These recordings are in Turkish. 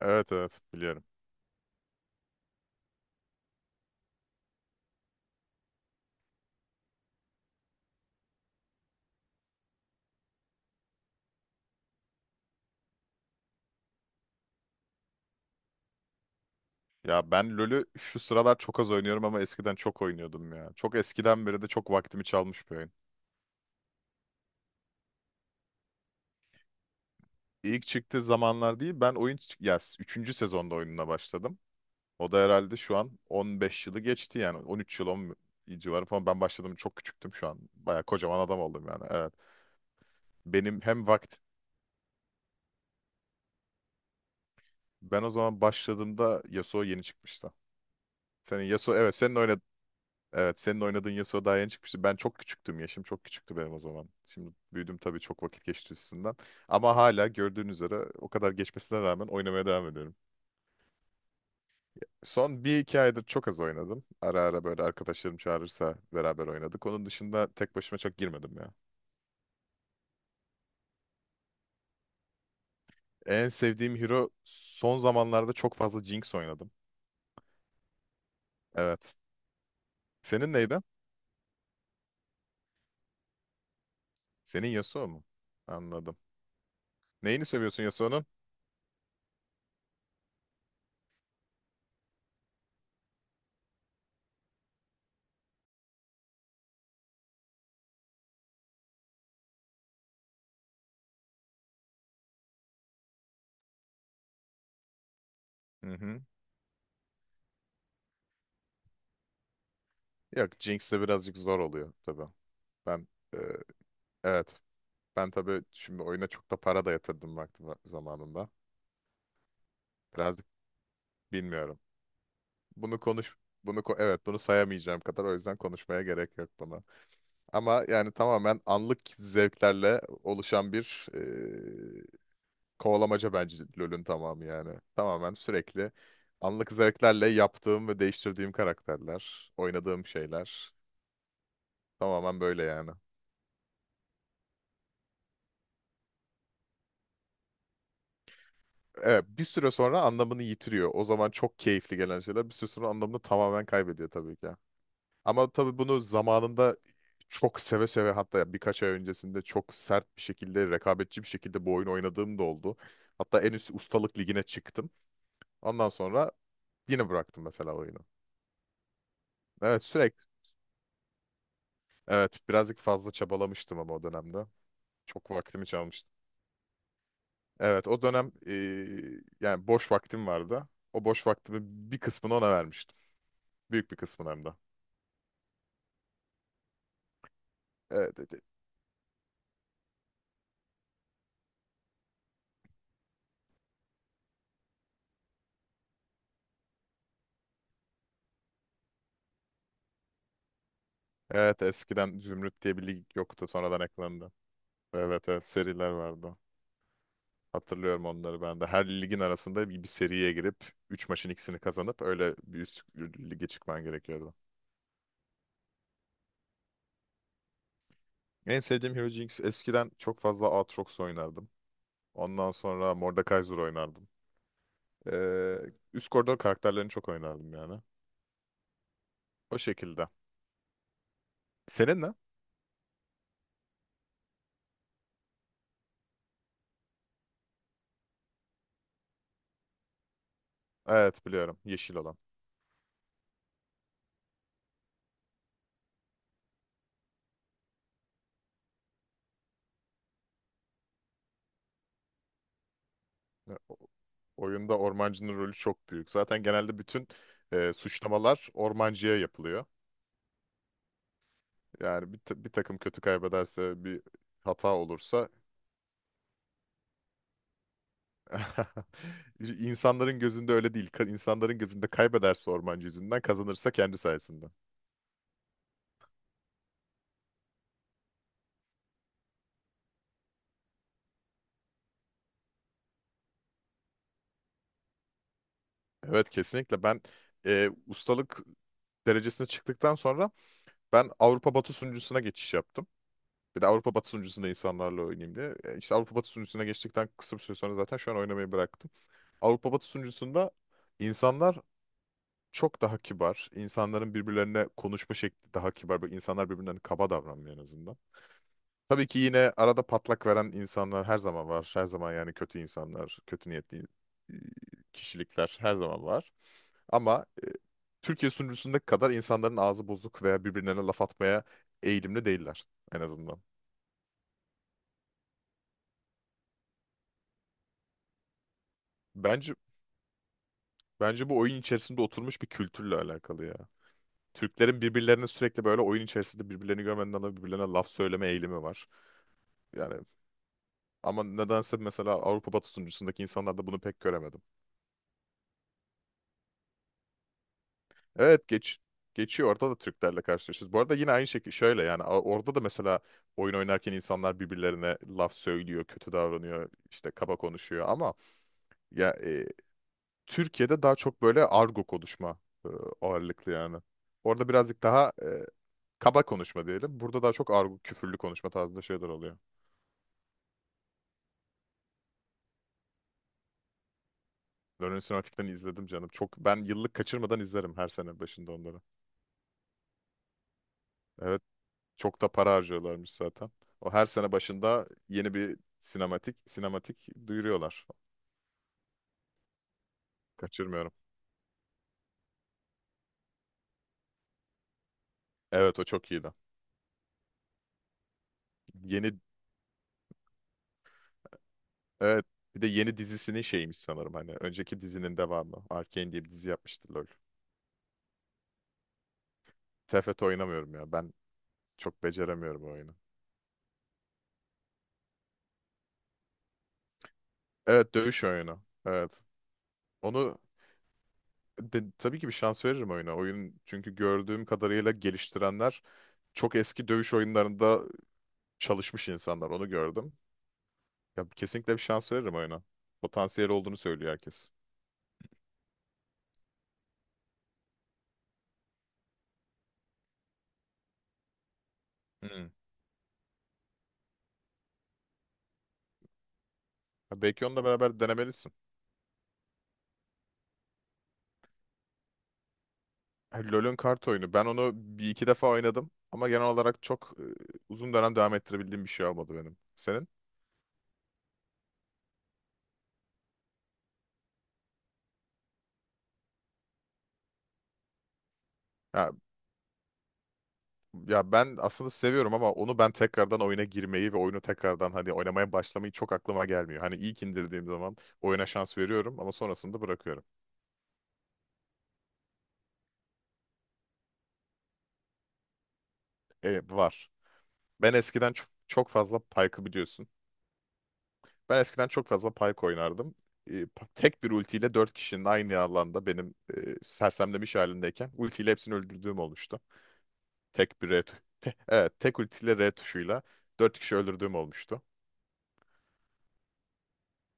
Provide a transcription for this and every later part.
Evet, evet, biliyorum. Ya ben LoL'ü şu sıralar çok az oynuyorum, ama eskiden çok oynuyordum ya. Çok eskiden beri de çok vaktimi çalmış bir oyun. İlk çıktığı zamanlar değil, ben oyun ya 3. sezonda oyununa başladım. O da herhalde şu an 15 yılı geçti, yani 13 yıl 10 civarı falan ben başladım, çok küçüktüm. Şu an baya kocaman adam oldum yani. Evet. Benim hem vakt ben o zaman başladığımda Yasuo yeni çıkmıştı. Senin Yasuo evet senin oynadığın Evet, senin oynadığın Yasuo daha yeni çıkmıştı. Ben çok küçüktüm. Yaşım çok küçüktü benim o zaman. Şimdi büyüdüm tabii, çok vakit geçti üstünden. Ama hala gördüğün üzere o kadar geçmesine rağmen oynamaya devam ediyorum. Son bir iki aydır çok az oynadım. Ara ara böyle arkadaşlarım çağırırsa beraber oynadık. Onun dışında tek başıma çok girmedim ya. En sevdiğim hero, son zamanlarda çok fazla Jinx oynadım. Evet. Senin neydi? Senin Yasuo mu? Anladım. Neyini seviyorsun Yasuo'nun? Hı hı. Yok, Jinx'le birazcık zor oluyor tabii. Ben e, evet. Ben tabii şimdi oyuna çok da para da yatırdım zamanında. Birazcık bilmiyorum. Bunu konuş bunu ko- evet bunu sayamayacağım kadar, o yüzden konuşmaya gerek yok buna. Ama yani tamamen anlık zevklerle oluşan bir kovalamaca bence LoL'ün tamamı yani. Tamamen sürekli anlık zevklerle yaptığım ve değiştirdiğim karakterler, oynadığım şeyler tamamen böyle yani. Evet, bir süre sonra anlamını yitiriyor. O zaman çok keyifli gelen şeyler bir süre sonra anlamını tamamen kaybediyor tabii ki. Ama tabii bunu zamanında çok seve seve, hatta birkaç ay öncesinde çok sert bir şekilde, rekabetçi bir şekilde bu oyunu oynadığım da oldu. Hatta en üst ustalık ligine çıktım. Ondan sonra yine bıraktım mesela oyunu. Evet, sürekli. Evet, birazcık fazla çabalamıştım ama o dönemde. Çok vaktimi çalmıştı. Evet, o dönem yani boş vaktim vardı. O boş vaktimi bir kısmını ona vermiştim. Büyük bir kısmını hem de. Evet, evet. Evet, eskiden Zümrüt diye bir lig yoktu, sonradan eklendi. Evet, evet, seriler vardı. Hatırlıyorum onları ben de. Her ligin arasında bir seriye girip 3 maçın ikisini kazanıp öyle bir üst lige çıkman gerekiyordu. En sevdiğim hero Jinx. Eskiden çok fazla Aatrox oynardım. Ondan sonra Mordekaiser oynardım. Ee, üst koridor karakterlerini çok oynardım yani. O şekilde. Senin ne? Evet, biliyorum. Yeşil olan. Ya, oyunda ormancının rolü çok büyük. Zaten genelde bütün suçlamalar ormancıya yapılıyor. Yani bir takım kötü kaybederse, bir hata olursa... İnsanların gözünde öyle değil. İnsanların gözünde kaybederse ormancı yüzünden, kazanırsa kendi sayesinde. Evet, kesinlikle. Ben ustalık derecesine çıktıktan sonra ben Avrupa Batı sunucusuna geçiş yaptım. Bir de Avrupa Batı sunucusunda insanlarla oynayayım diye. İşte Avrupa Batı sunucusuna geçtikten kısa bir süre sonra zaten şu an oynamayı bıraktım. Avrupa Batı sunucusunda insanlar çok daha kibar. İnsanların birbirlerine konuşma şekli daha kibar. Böyle İnsanlar birbirlerine kaba davranmıyor en azından. Tabii ki yine arada patlak veren insanlar her zaman var. Her zaman yani, kötü insanlar, kötü niyetli e, kişilikler her zaman var. Ama Türkiye sunucusundaki kadar insanların ağzı bozuk veya birbirlerine laf atmaya eğilimli değiller en azından. Bence bence bu oyun içerisinde oturmuş bir kültürle alakalı ya. Türklerin birbirlerine sürekli böyle oyun içerisinde, birbirlerini görmeden dolayı birbirlerine laf söyleme eğilimi var. Yani ama nedense mesela Avrupa Batı sunucusundaki insanlarda bunu pek göremedim. Evet, geçiyor orada da Türklerle karşılaşıyoruz. Bu arada yine aynı şekilde şöyle yani, orada da mesela oyun oynarken insanlar birbirlerine laf söylüyor, kötü davranıyor, işte kaba konuşuyor ama ya Türkiye'de daha çok böyle argo konuşma e, ağırlıklı yani. Orada birazcık daha kaba konuşma diyelim. Burada daha çok argo, küfürlü konuşma tarzında şeyler oluyor. Learning Sinematik'ten izledim canım. Çok, ben yıllık kaçırmadan izlerim her sene başında onları. Evet. Çok da para harcıyorlarmış zaten. O her sene başında yeni bir sinematik duyuruyorlar. Kaçırmıyorum. Evet, o çok iyiydi. Yeni evet, bir de yeni dizisinin şeymiş sanırım, hani önceki dizinin devamı. Arcane diye bir dizi yapmıştı LoL. TFT oynamıyorum ya. Ben çok beceremiyorum o oyunu. Evet, dövüş oyunu. Evet. Onu tabii ki bir şans veririm oyuna. Oyun çünkü gördüğüm kadarıyla, geliştirenler çok eski dövüş oyunlarında çalışmış insanlar. Onu gördüm. Ya kesinlikle bir şans veririm oyuna. Potansiyel olduğunu söylüyor herkes. Hmm. Ya belki onunla beraber denemelisin. Ha, LoL'ün kart oyunu. Ben onu bir iki defa oynadım. Ama genel olarak çok uzun dönem devam ettirebildiğim bir şey olmadı benim. Senin? Ya, ya, ben aslında seviyorum, ama onu ben tekrardan oyuna girmeyi ve oyunu tekrardan hani oynamaya başlamayı çok aklıma gelmiyor. Hani ilk indirdiğim zaman oyuna şans veriyorum ama sonrasında bırakıyorum. Var. Ben eskiden çok, çok fazla Pike'ı biliyorsun. Ben eskiden çok fazla Pyke oynardım. Tek bir ultiyle dört kişinin aynı alanda, benim sersemlemiş halindeyken, ultiyle hepsini öldürdüğüm olmuştu. Tek bir R tu- te- evet, tek ultiyle R tuşuyla dört kişi öldürdüğüm olmuştu.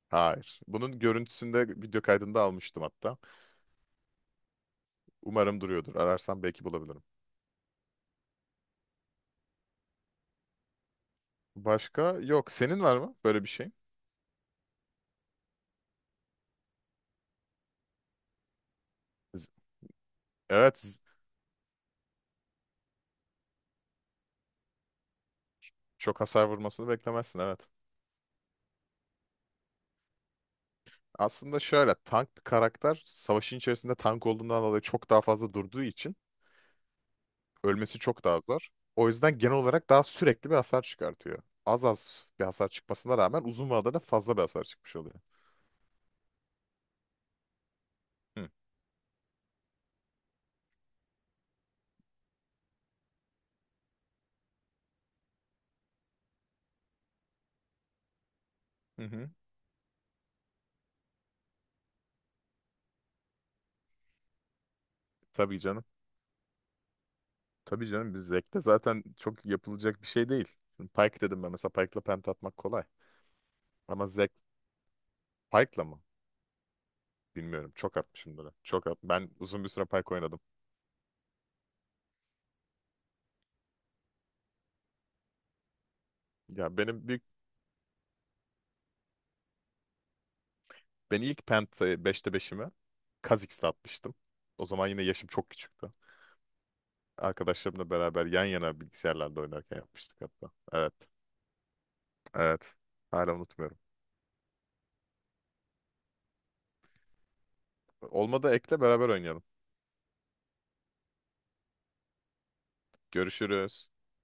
Hayır. Bunun görüntüsünde video kaydında almıştım hatta. Umarım duruyordur. Ararsam belki bulabilirim. Başka yok. Senin var mı böyle bir şey? Z- Evet. Çok hasar vurmasını beklemezsin. Evet. Aslında şöyle, tank bir karakter savaşın içerisinde tank olduğundan dolayı çok daha fazla durduğu için ölmesi çok daha zor. O yüzden genel olarak daha sürekli bir hasar çıkartıyor. Az az bir hasar çıkmasına rağmen uzun vadede fazla bir hasar çıkmış oluyor. Hı hı. Hı. Tabii canım. Tabii canım, biz Zek'te zaten çok yapılacak bir şey değil. Şimdi Pike dedim, ben mesela Pike'la penta atmak kolay. Ama Zek Pike'la mı? Bilmiyorum. Çok atmışımdır. Çok at. Ben uzun bir süre Pike oynadım. Ya benim büyük ben ilk penta beşte 5'imi Kha'Zix'te atmıştım. O zaman yine yaşım çok küçüktü. Arkadaşlarımla beraber yan yana bilgisayarlarda oynarken yapmıştık hatta. Evet. Evet. Hala unutmuyorum. Olmadı ekle beraber oynayalım. Görüşürüz.